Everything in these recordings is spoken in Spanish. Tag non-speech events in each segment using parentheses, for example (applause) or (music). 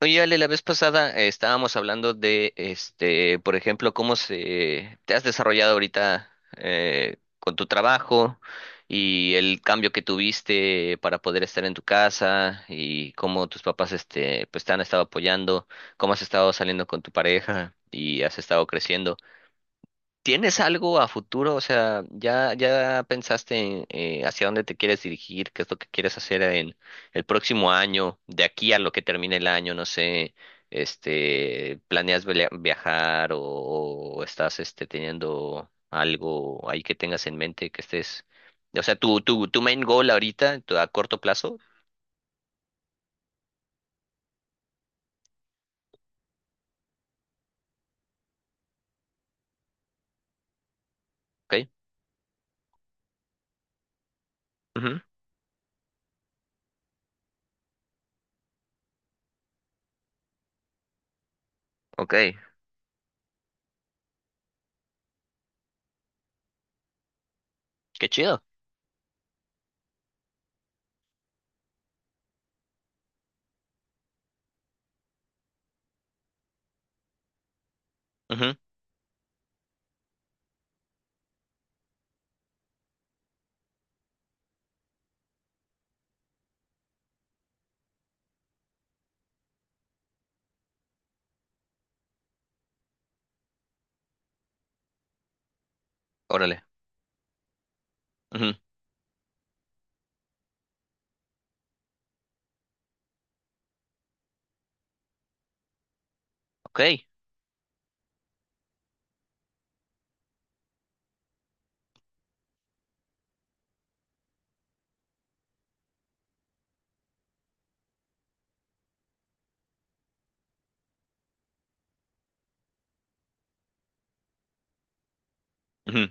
Oye, Ale, la vez pasada estábamos hablando de, por ejemplo, cómo se te has desarrollado ahorita con tu trabajo y el cambio que tuviste para poder estar en tu casa y cómo tus papás, pues te han estado apoyando, cómo has estado saliendo con tu pareja y has estado creciendo. ¿Tienes algo a futuro? O sea, ¿ya pensaste en hacia dónde te quieres dirigir? ¿Qué es lo que quieres hacer en el próximo año? De aquí a lo que termine el año, no sé, ¿planeas viajar o estás teniendo algo ahí que tengas en mente que estés... O sea, tu main goal ahorita, a corto plazo, ok, ujú, ok, qué chido, ujú, órale, ujú, ok, ujú,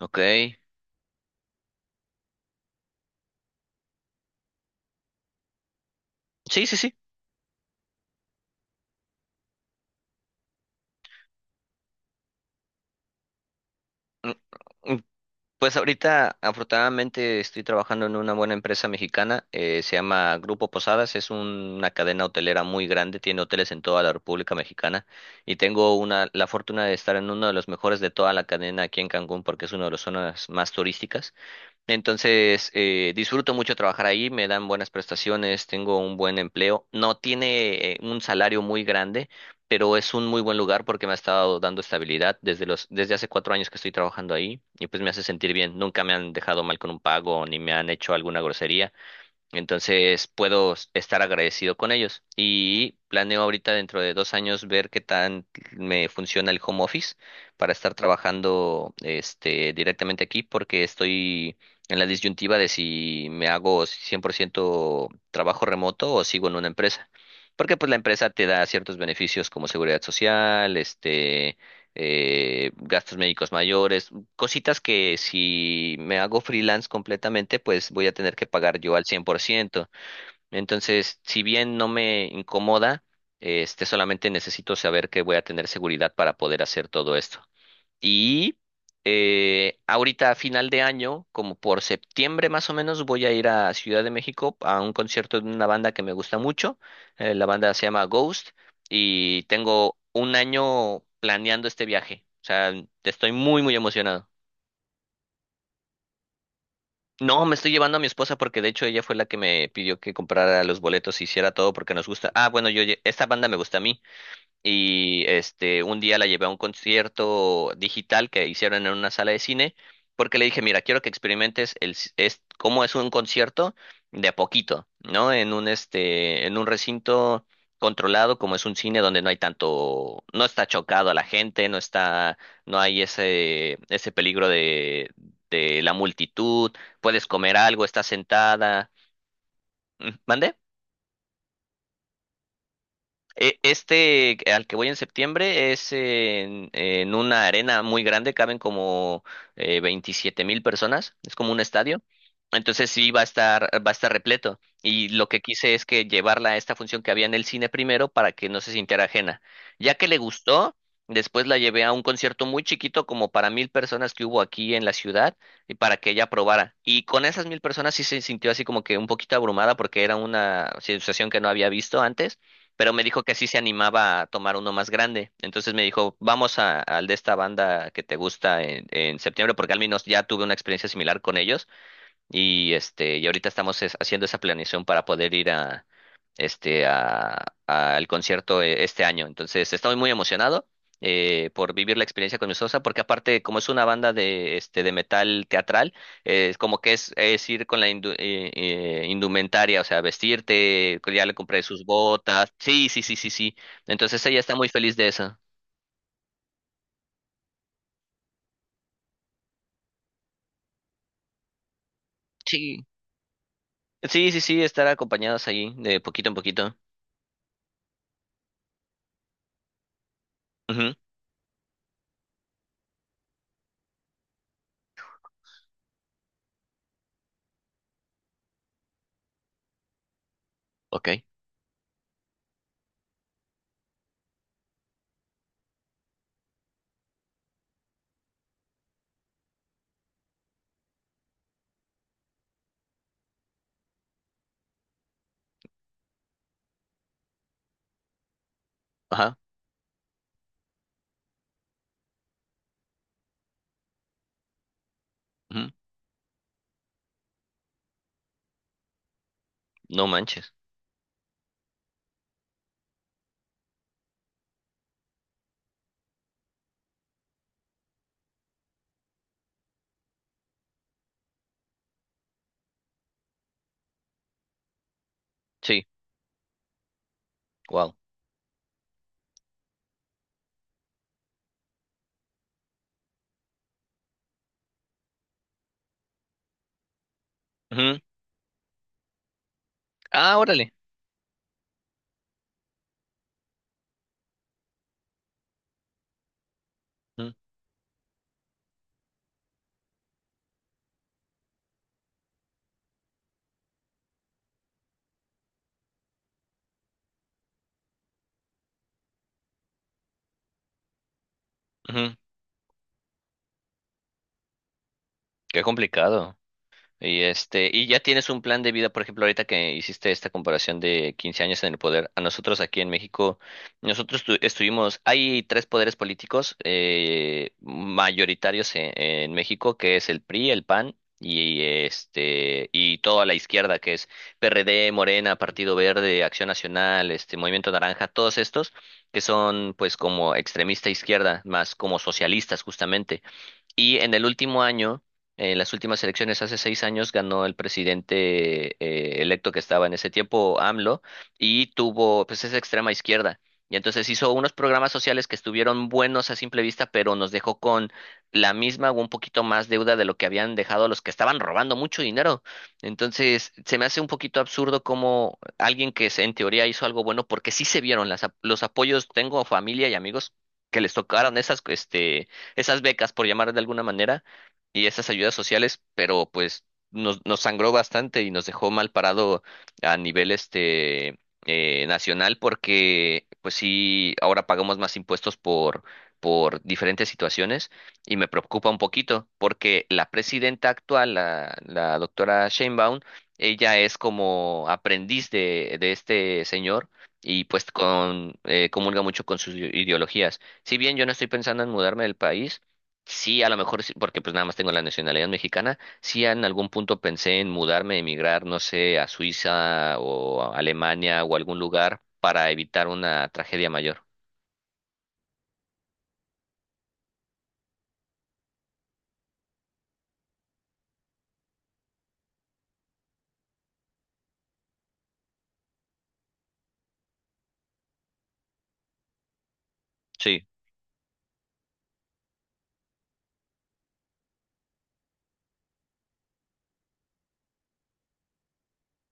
ok, sí, sí, sí. Pues ahorita, afortunadamente, estoy trabajando en una buena empresa mexicana. Se llama Grupo Posadas, es una cadena hotelera muy grande, tiene hoteles en toda la República Mexicana y tengo una, la fortuna de estar en uno de los mejores de toda la cadena aquí en Cancún porque es una de las zonas más turísticas. Entonces, disfruto mucho trabajar ahí, me dan buenas prestaciones, tengo un buen empleo. No tiene un salario muy grande, pero es un muy buen lugar porque me ha estado dando estabilidad desde los, desde hace 4 años que estoy trabajando ahí y pues me hace sentir bien. Nunca me han dejado mal con un pago ni me han hecho alguna grosería. Entonces puedo estar agradecido con ellos y planeo ahorita dentro de 2 años ver qué tan me funciona el home office para estar trabajando directamente aquí porque estoy en la disyuntiva de si me hago 100% trabajo remoto o sigo en una empresa. Porque pues la empresa te da ciertos beneficios como seguridad social, gastos médicos mayores, cositas que si me hago freelance completamente, pues voy a tener que pagar yo al 100%. Entonces, si bien no me incomoda, solamente necesito saber que voy a tener seguridad para poder hacer todo esto. Y ahorita a final de año, como por septiembre más o menos, voy a ir a Ciudad de México a un concierto de una banda que me gusta mucho. La banda se llama Ghost y tengo un año planeando este viaje. O sea, estoy muy, muy emocionado. No, me estoy llevando a mi esposa porque de hecho ella fue la que me pidió que comprara los boletos y hiciera todo porque nos gusta. Ah, bueno, esta banda me gusta a mí y un día la llevé a un concierto digital que hicieron en una sala de cine porque le dije, mira, quiero que experimentes es cómo es un concierto de a poquito, ¿no? En un este en un recinto controlado como es un cine donde no hay tanto, no está chocado a la gente, no hay ese peligro de la multitud, puedes comer algo, estás sentada. Mm, ¿mande? Este al que voy en septiembre es en una arena muy grande, caben como 27 mil personas, es como un estadio. Entonces sí va a estar repleto. Y lo que quise es que llevarla a esta función que había en el cine primero para que no se sintiera ajena. Ya que le gustó, después la llevé a un concierto muy chiquito, como para 1,000 personas que hubo aquí en la ciudad, y para que ella probara. Y con esas 1,000 personas sí se sintió así como que un poquito abrumada porque era una situación que no había visto antes, pero me dijo que sí se animaba a tomar uno más grande. Entonces me dijo, vamos al de esta banda que te gusta en septiembre, porque al menos ya tuve una experiencia similar con ellos, y y ahorita estamos haciendo esa planeación para poder ir al concierto este año. Entonces, estoy muy emocionado por vivir la experiencia con mi sosa, porque aparte, como es una banda de de metal teatral, es como que es ir con la indumentaria, o sea, vestirte, ya le compré sus botas. Sí, sí, sí, sí, sí. Entonces ella está muy feliz de eso. Sí. Sí, sí, sí, estar acompañados ahí de poquito en poquito. Ujú. Ok. Ajá. Ujú. No manches. Sí, wow. Ah, órale. Ujú, ujú. Qué complicado. Y y ya tienes un plan de vida, por ejemplo, ahorita que hiciste esta comparación de 15 años en el poder. A nosotros aquí en México, nosotros estuvimos, hay tres poderes políticos mayoritarios en México, que es el PRI, el PAN y y toda la izquierda, que es PRD, Morena, Partido Verde, Acción Nacional, Movimiento Naranja, todos estos que son pues como extremista izquierda, más como socialistas justamente. Y en el último año, en las últimas elecciones hace 6 años, ganó el presidente electo que estaba en ese tiempo, AMLO, y tuvo, pues es extrema izquierda. Y entonces hizo unos programas sociales que estuvieron buenos a simple vista, pero nos dejó con la misma o un poquito más deuda de lo que habían dejado los que estaban robando mucho dinero. Entonces, se me hace un poquito absurdo como alguien que en teoría hizo algo bueno, porque sí se vieron las, los apoyos, tengo familia y amigos que les tocaron esas, esas becas, por llamar de alguna manera, y esas ayudas sociales, pero pues nos sangró bastante y nos dejó mal parado a nivel nacional, porque pues sí, ahora pagamos más impuestos por diferentes situaciones y me preocupa un poquito porque la presidenta actual, la doctora Sheinbaum, ella es como aprendiz de este señor y pues con, comulga mucho con sus ideologías. Si bien yo no estoy pensando en mudarme del país, sí, a lo mejor, porque pues nada más tengo la nacionalidad mexicana, sí en algún punto pensé en mudarme, emigrar, no sé, a Suiza o a Alemania o algún lugar para evitar una tragedia mayor. Sí,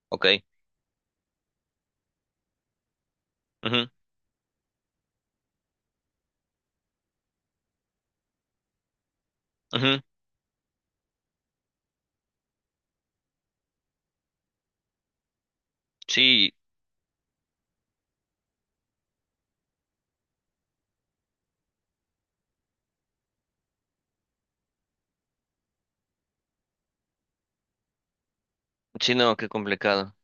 ok. Ujú, ujú. Sí, sí, no, qué complicado.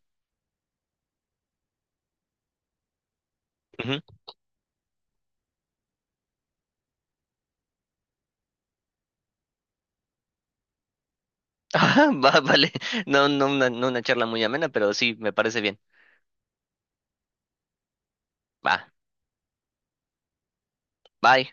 Ujú. (laughs) Ah, va, vale. No, no, no una charla muy amena, pero sí, me parece bien. Va, bye.